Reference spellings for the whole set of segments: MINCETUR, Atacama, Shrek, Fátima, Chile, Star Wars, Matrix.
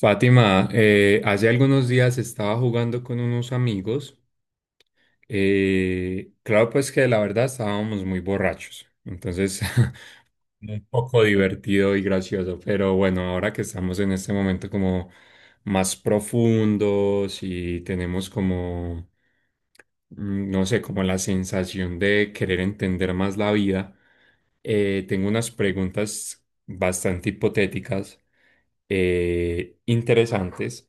Fátima, hace algunos días estaba jugando con unos amigos. Claro, pues que la verdad estábamos muy borrachos. Entonces, un poco divertido y gracioso. Pero bueno, ahora que estamos en este momento como más profundos y tenemos no sé, como la sensación de querer entender más la vida, tengo unas preguntas bastante hipotéticas, interesantes,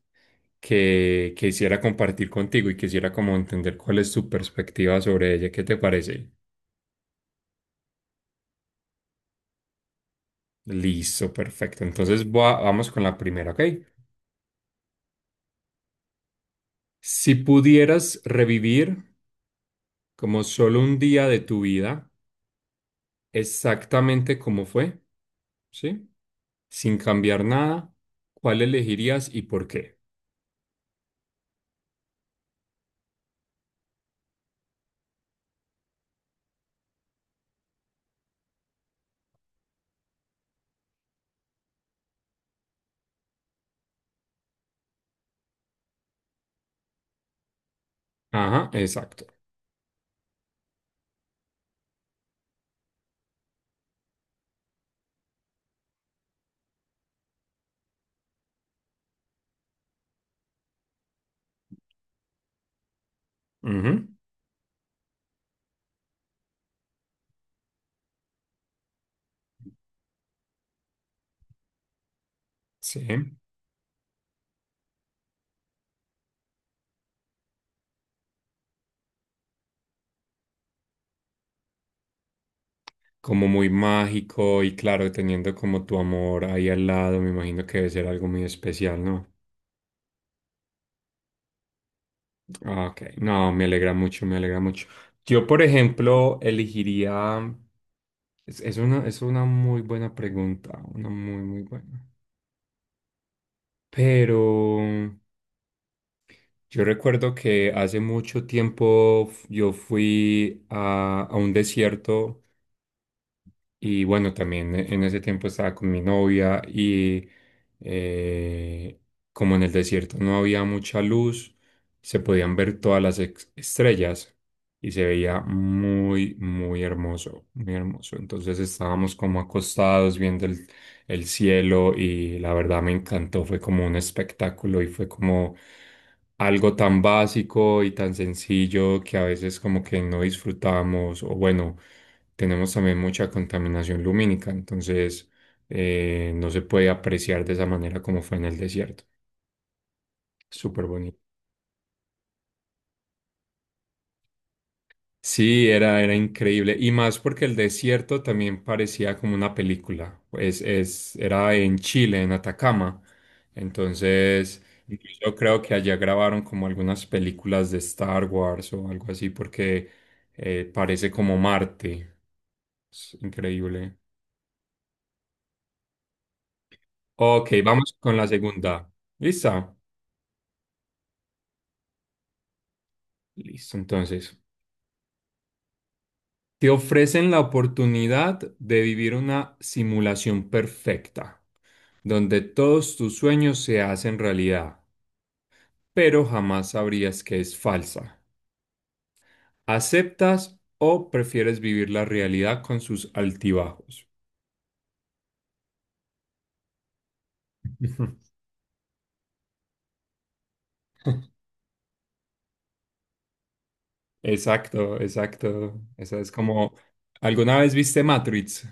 que quisiera compartir contigo y quisiera como entender cuál es tu perspectiva sobre ella. ¿Qué te parece? Listo, perfecto. Entonces vamos con la primera, ¿ok? Si pudieras revivir como solo un día de tu vida, exactamente como fue, ¿sí? Sin cambiar nada, ¿cuál elegirías y por qué? Ajá, exacto. Ujú. Sí, como muy mágico y claro, teniendo como tu amor ahí al lado, me imagino que debe ser algo muy especial, ¿no? Ok, no, me alegra mucho, me alegra mucho. Yo, por ejemplo, elegiría, es una muy buena pregunta, una muy, muy buena. Pero yo recuerdo que hace mucho tiempo yo fui a un desierto. Y bueno, también en ese tiempo estaba con mi novia y eh, como en el desierto no había mucha luz, se podían ver todas las estrellas y se veía muy, muy hermoso, muy hermoso. Entonces estábamos como acostados viendo el cielo y la verdad me encantó, fue como un espectáculo y fue como algo tan básico y tan sencillo que a veces como que no disfrutamos, o bueno, tenemos también mucha contaminación lumínica. Entonces, no se puede apreciar de esa manera como fue en el desierto. Súper bonito. Sí, era, era increíble. Y más porque el desierto también parecía como una película. Pues era en Chile, en Atacama. Entonces, yo creo que allá grabaron como algunas películas de Star Wars o algo así, porque, parece como Marte. Es increíble. Ok, vamos con la segunda. ¿Lista? Listo, entonces, te ofrecen la oportunidad de vivir una simulación perfecta, donde todos tus sueños se hacen realidad, pero jamás sabrías que es falsa. ¿Aceptas o prefieres vivir la realidad con sus altibajos? Exacto, exacto. Esa es como, ¿alguna vez viste Matrix?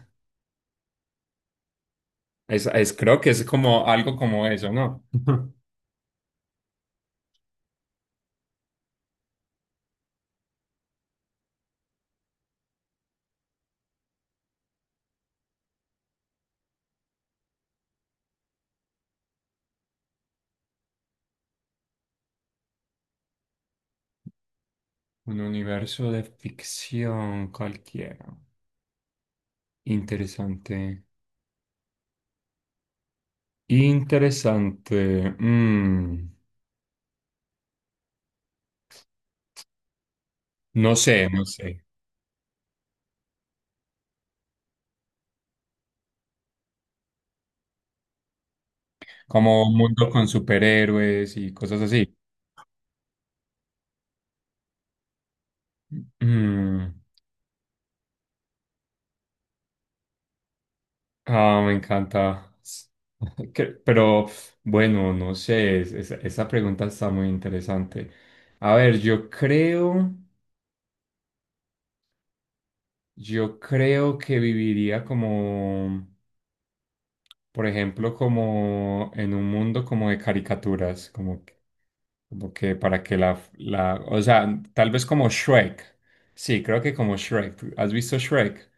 Creo que es como algo como eso, ¿no? Un universo de ficción cualquiera. Interesante. Interesante. Mm, no sé, no sé. Como un mundo con superhéroes y cosas así. Mm, ah, me encanta. Pero bueno, no sé, esa pregunta está muy interesante. A ver, yo creo que viviría como, por ejemplo, como en un mundo como de caricaturas, como. Como que para que o sea, tal vez como Shrek. Sí, creo que como Shrek. ¿Has visto Shrek?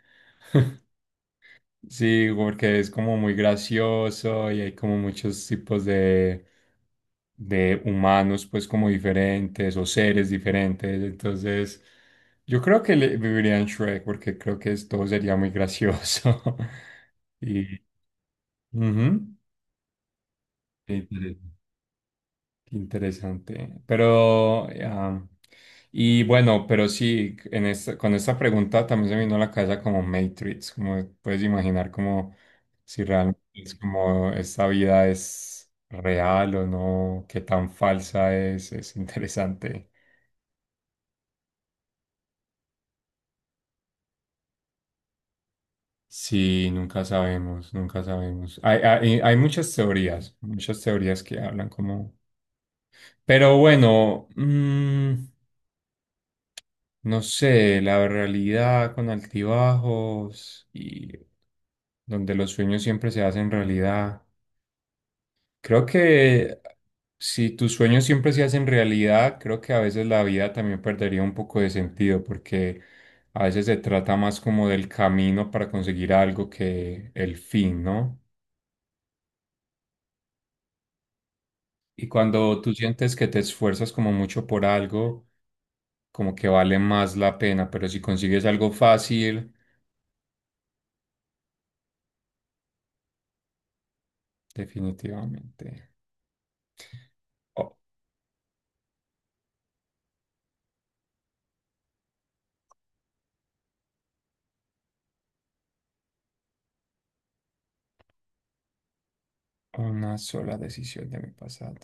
Sí, porque es como muy gracioso y hay como muchos tipos de humanos, pues como diferentes o seres diferentes. Entonces, yo creo que viviría en Shrek porque creo que todo sería muy gracioso. Y, ujú. Qué interesante. Pero, ah, y bueno, pero sí, en esta, con esta pregunta también se me vino a la cabeza como Matrix, como puedes imaginar como si realmente es como esta vida es real o no, qué tan falsa es interesante. Sí, nunca sabemos, nunca sabemos. Hay muchas teorías que hablan como... Pero bueno, mm, no sé, la realidad con altibajos y donde los sueños siempre se hacen realidad. Creo que si tus sueños siempre se hacen realidad, creo que a veces la vida también perdería un poco de sentido porque a veces se trata más como del camino para conseguir algo que el fin, ¿no? Y cuando tú sientes que te esfuerzas como mucho por algo, como que vale más la pena, pero si consigues algo fácil, definitivamente. Una sola decisión de mi pasado.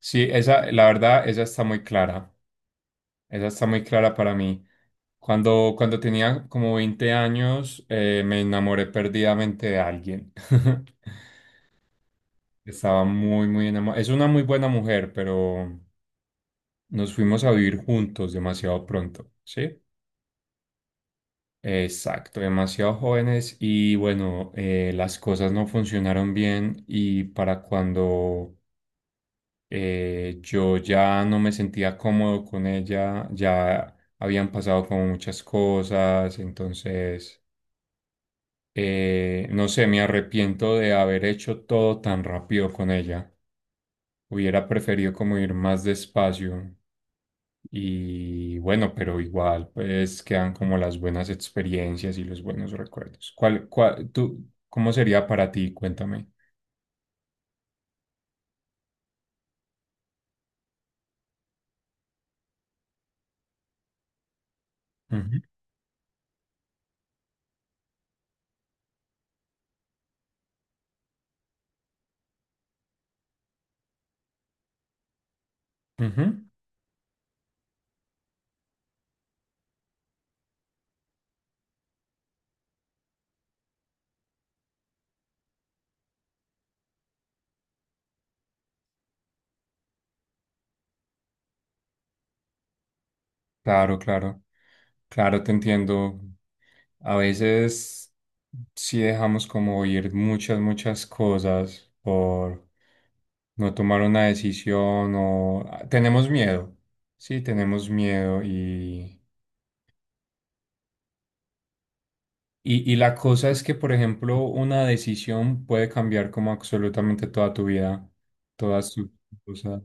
Sí, esa, la verdad, esa está muy clara. Esa está muy clara para mí. Cuando tenía como 20 años, me enamoré perdidamente de alguien. Estaba muy, muy enamorado. Es una muy buena mujer, pero nos fuimos a vivir juntos demasiado pronto, ¿sí? Exacto, demasiado jóvenes y bueno, las cosas no funcionaron bien y para cuando, yo ya no me sentía cómodo con ella, ya habían pasado como muchas cosas, entonces, no sé, me arrepiento de haber hecho todo tan rápido con ella. Hubiera preferido como ir más despacio y bueno, pero igual, pues quedan como las buenas experiencias y los buenos recuerdos. Tú, cómo sería para ti? Cuéntame. Ujú, ujú. Claro, claro. Claro, te entiendo. A veces sí dejamos como ir muchas, muchas cosas por no tomar una decisión o ah, tenemos miedo. Sí, tenemos miedo y la cosa es que, por ejemplo, una decisión puede cambiar como absolutamente toda tu vida, todas tus cosas.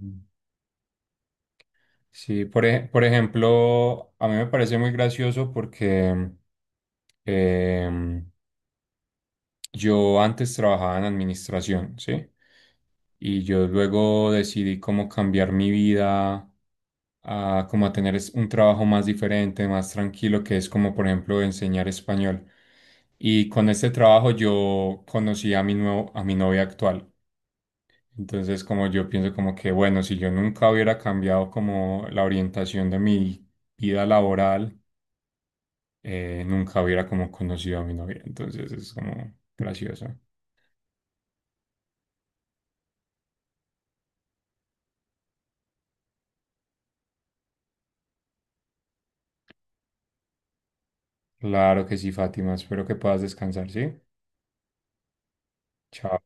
Sí, por, por ejemplo, a mí me parece muy gracioso porque em, yo antes trabajaba en administración, ¿sí? Y yo luego decidí como cambiar mi vida a como a tener un trabajo más diferente, más tranquilo, que es como por ejemplo enseñar español. Y con este trabajo yo conocí a a mi novia actual. Entonces como yo pienso como que bueno, si yo nunca hubiera cambiado como la orientación de mi vida laboral, nunca hubiera como conocido a mi novia. Entonces es como gracioso. Claro que sí, Fátima. Espero que puedas descansar, ¿sí? Chao.